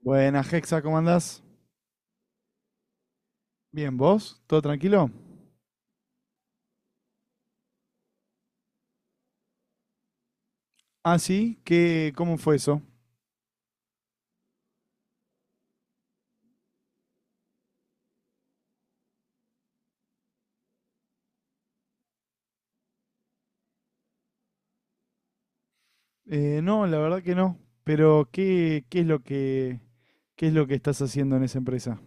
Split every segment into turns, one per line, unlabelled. Buenas, Hexa, ¿cómo andás? Bien, ¿vos? ¿Todo tranquilo? Ah, sí, cómo fue eso? No, la verdad que no. Pero, ¿qué es lo que estás haciendo en esa empresa?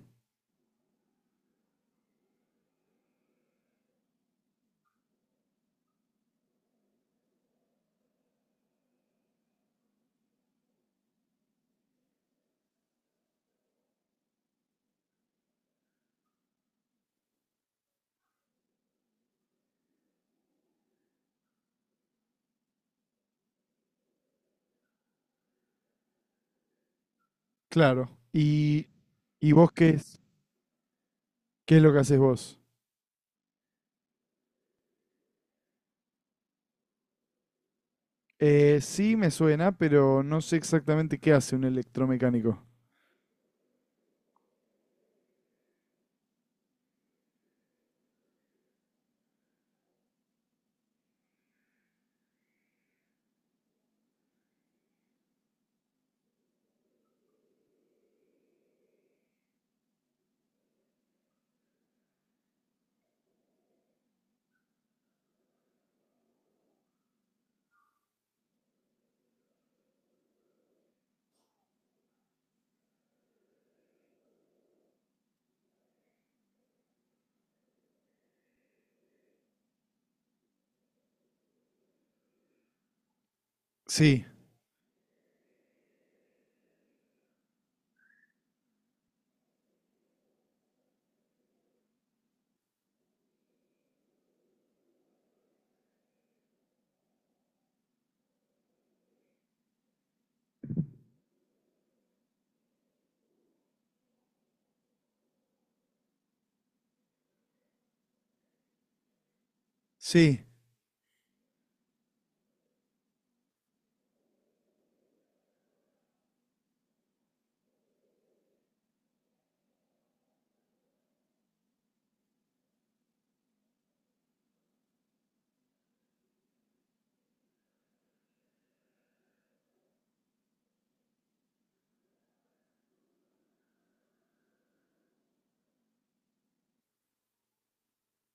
Claro. ¿Y vos qué es? ¿Qué es lo que haces vos? Sí, me suena, pero no sé exactamente qué hace un electromecánico. Sí, sí.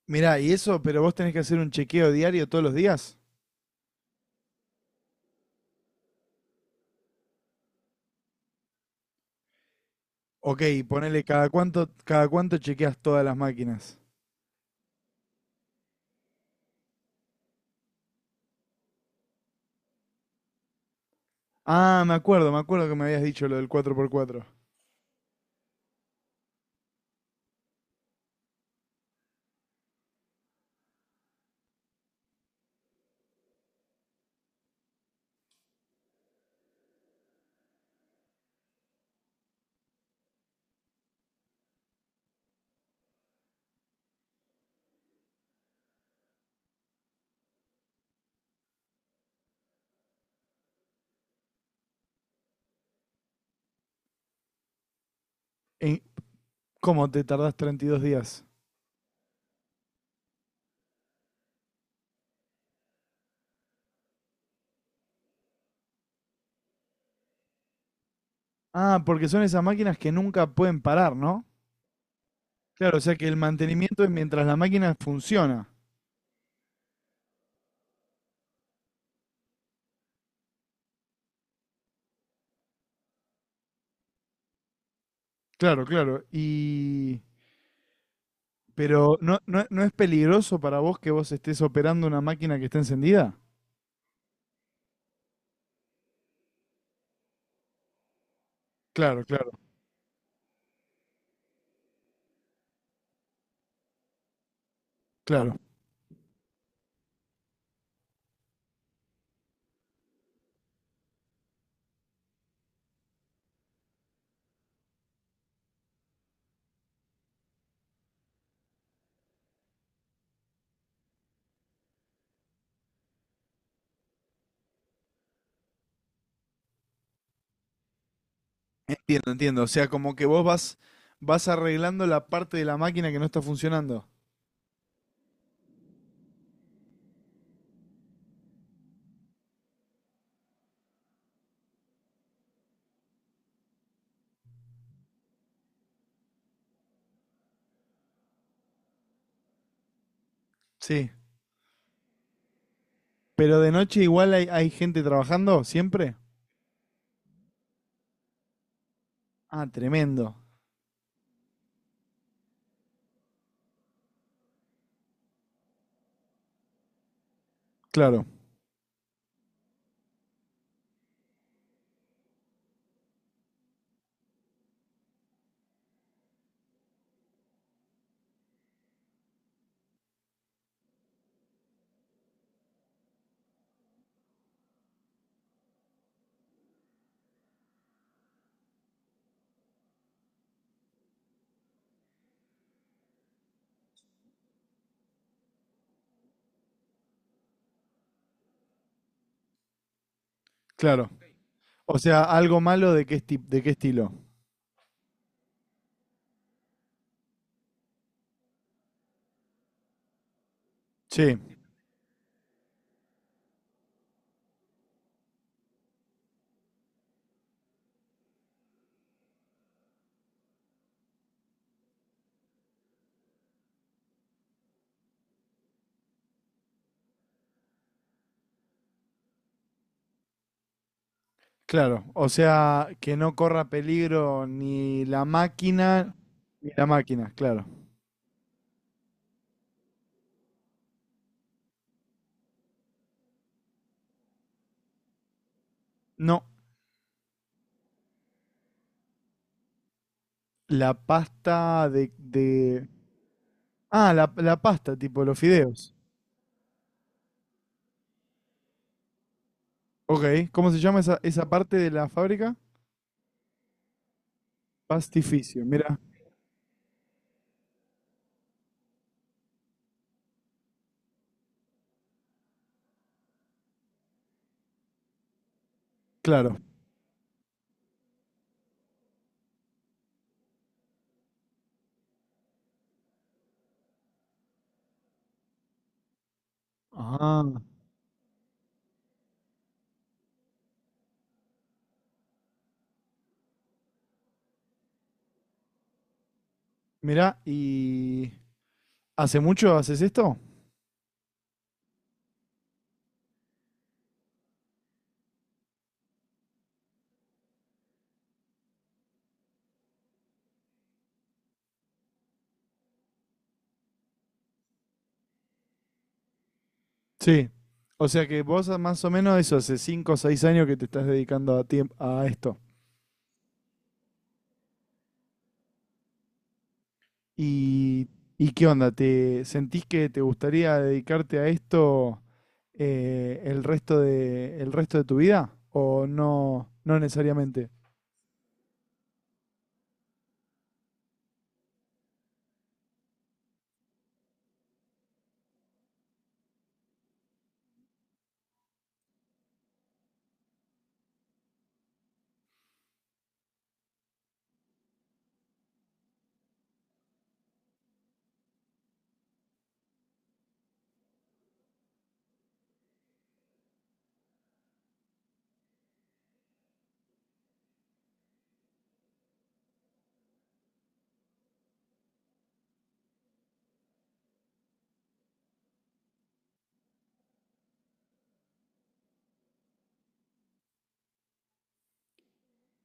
Mirá, y eso, pero vos tenés que hacer un chequeo diario todos los días. Ok, ponele cada cuánto chequeas todas las máquinas. Ah, me acuerdo que me habías dicho lo del cuatro por cuatro. En ¿Cómo te tardás 32 días? Ah, porque son esas máquinas que nunca pueden parar, ¿no? Claro, o sea que el mantenimiento es mientras la máquina funciona. Claro, claro. Pero ¿no, no, no es peligroso para vos que vos estés operando una máquina que está encendida? Claro, claro, claro. Entiendo, entiendo. O sea, como que vos vas arreglando la parte de la máquina que no está funcionando. Sí. Pero de noche igual hay gente trabajando siempre. Ah, tremendo. Claro, claro. O sea, algo malo de qué estilo. Sí, claro. O sea, que no corra peligro ni la máquina, ni la máquina, claro. No, la pasta de. Ah, la pasta, tipo los fideos. Ok, ¿cómo se llama esa parte de la fábrica? Pastificio, mira, claro. Ah, mira, ¿y hace mucho haces esto? Sí. O sea que vos más o menos eso, hace 5 o 6 años que te estás dedicando a esto. ¿Y, y qué onda? ¿Te sentís que te gustaría dedicarte a esto, el resto de tu vida? ¿O no, no necesariamente?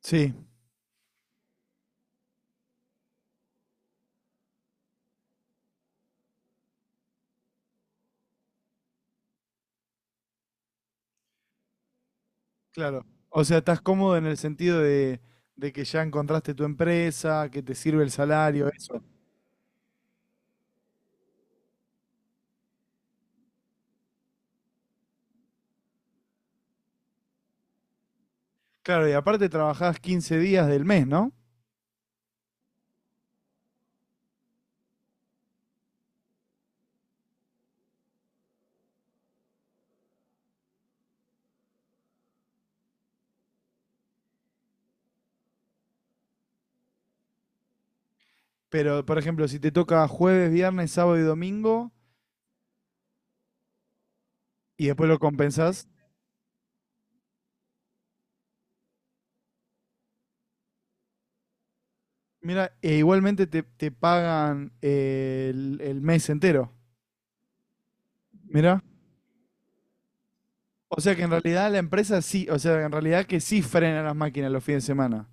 Sí, claro. O sea, estás cómodo en el sentido de que ya encontraste tu empresa, que te sirve el salario, eso. Claro, y aparte trabajás 15 días del mes, ¿no? Pero, por ejemplo, si te toca jueves, viernes, sábado y domingo, y después lo compensás. Mira, e igualmente te pagan, el mes entero. Mira. O sea que en realidad la empresa sí, o sea, en realidad que sí frena las máquinas los fines de semana.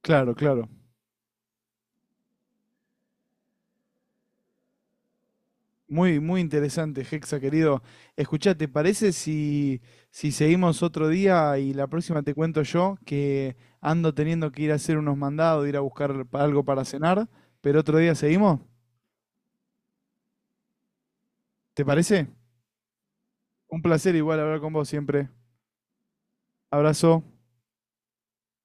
Claro, claro. Muy, muy interesante, Hexa, querido. Escuchá, ¿te parece si seguimos otro día? Y la próxima te cuento yo, que ando teniendo que ir a hacer unos mandados, ir a buscar algo para cenar, pero otro día seguimos. ¿Te parece? Un placer igual hablar con vos siempre. Abrazo.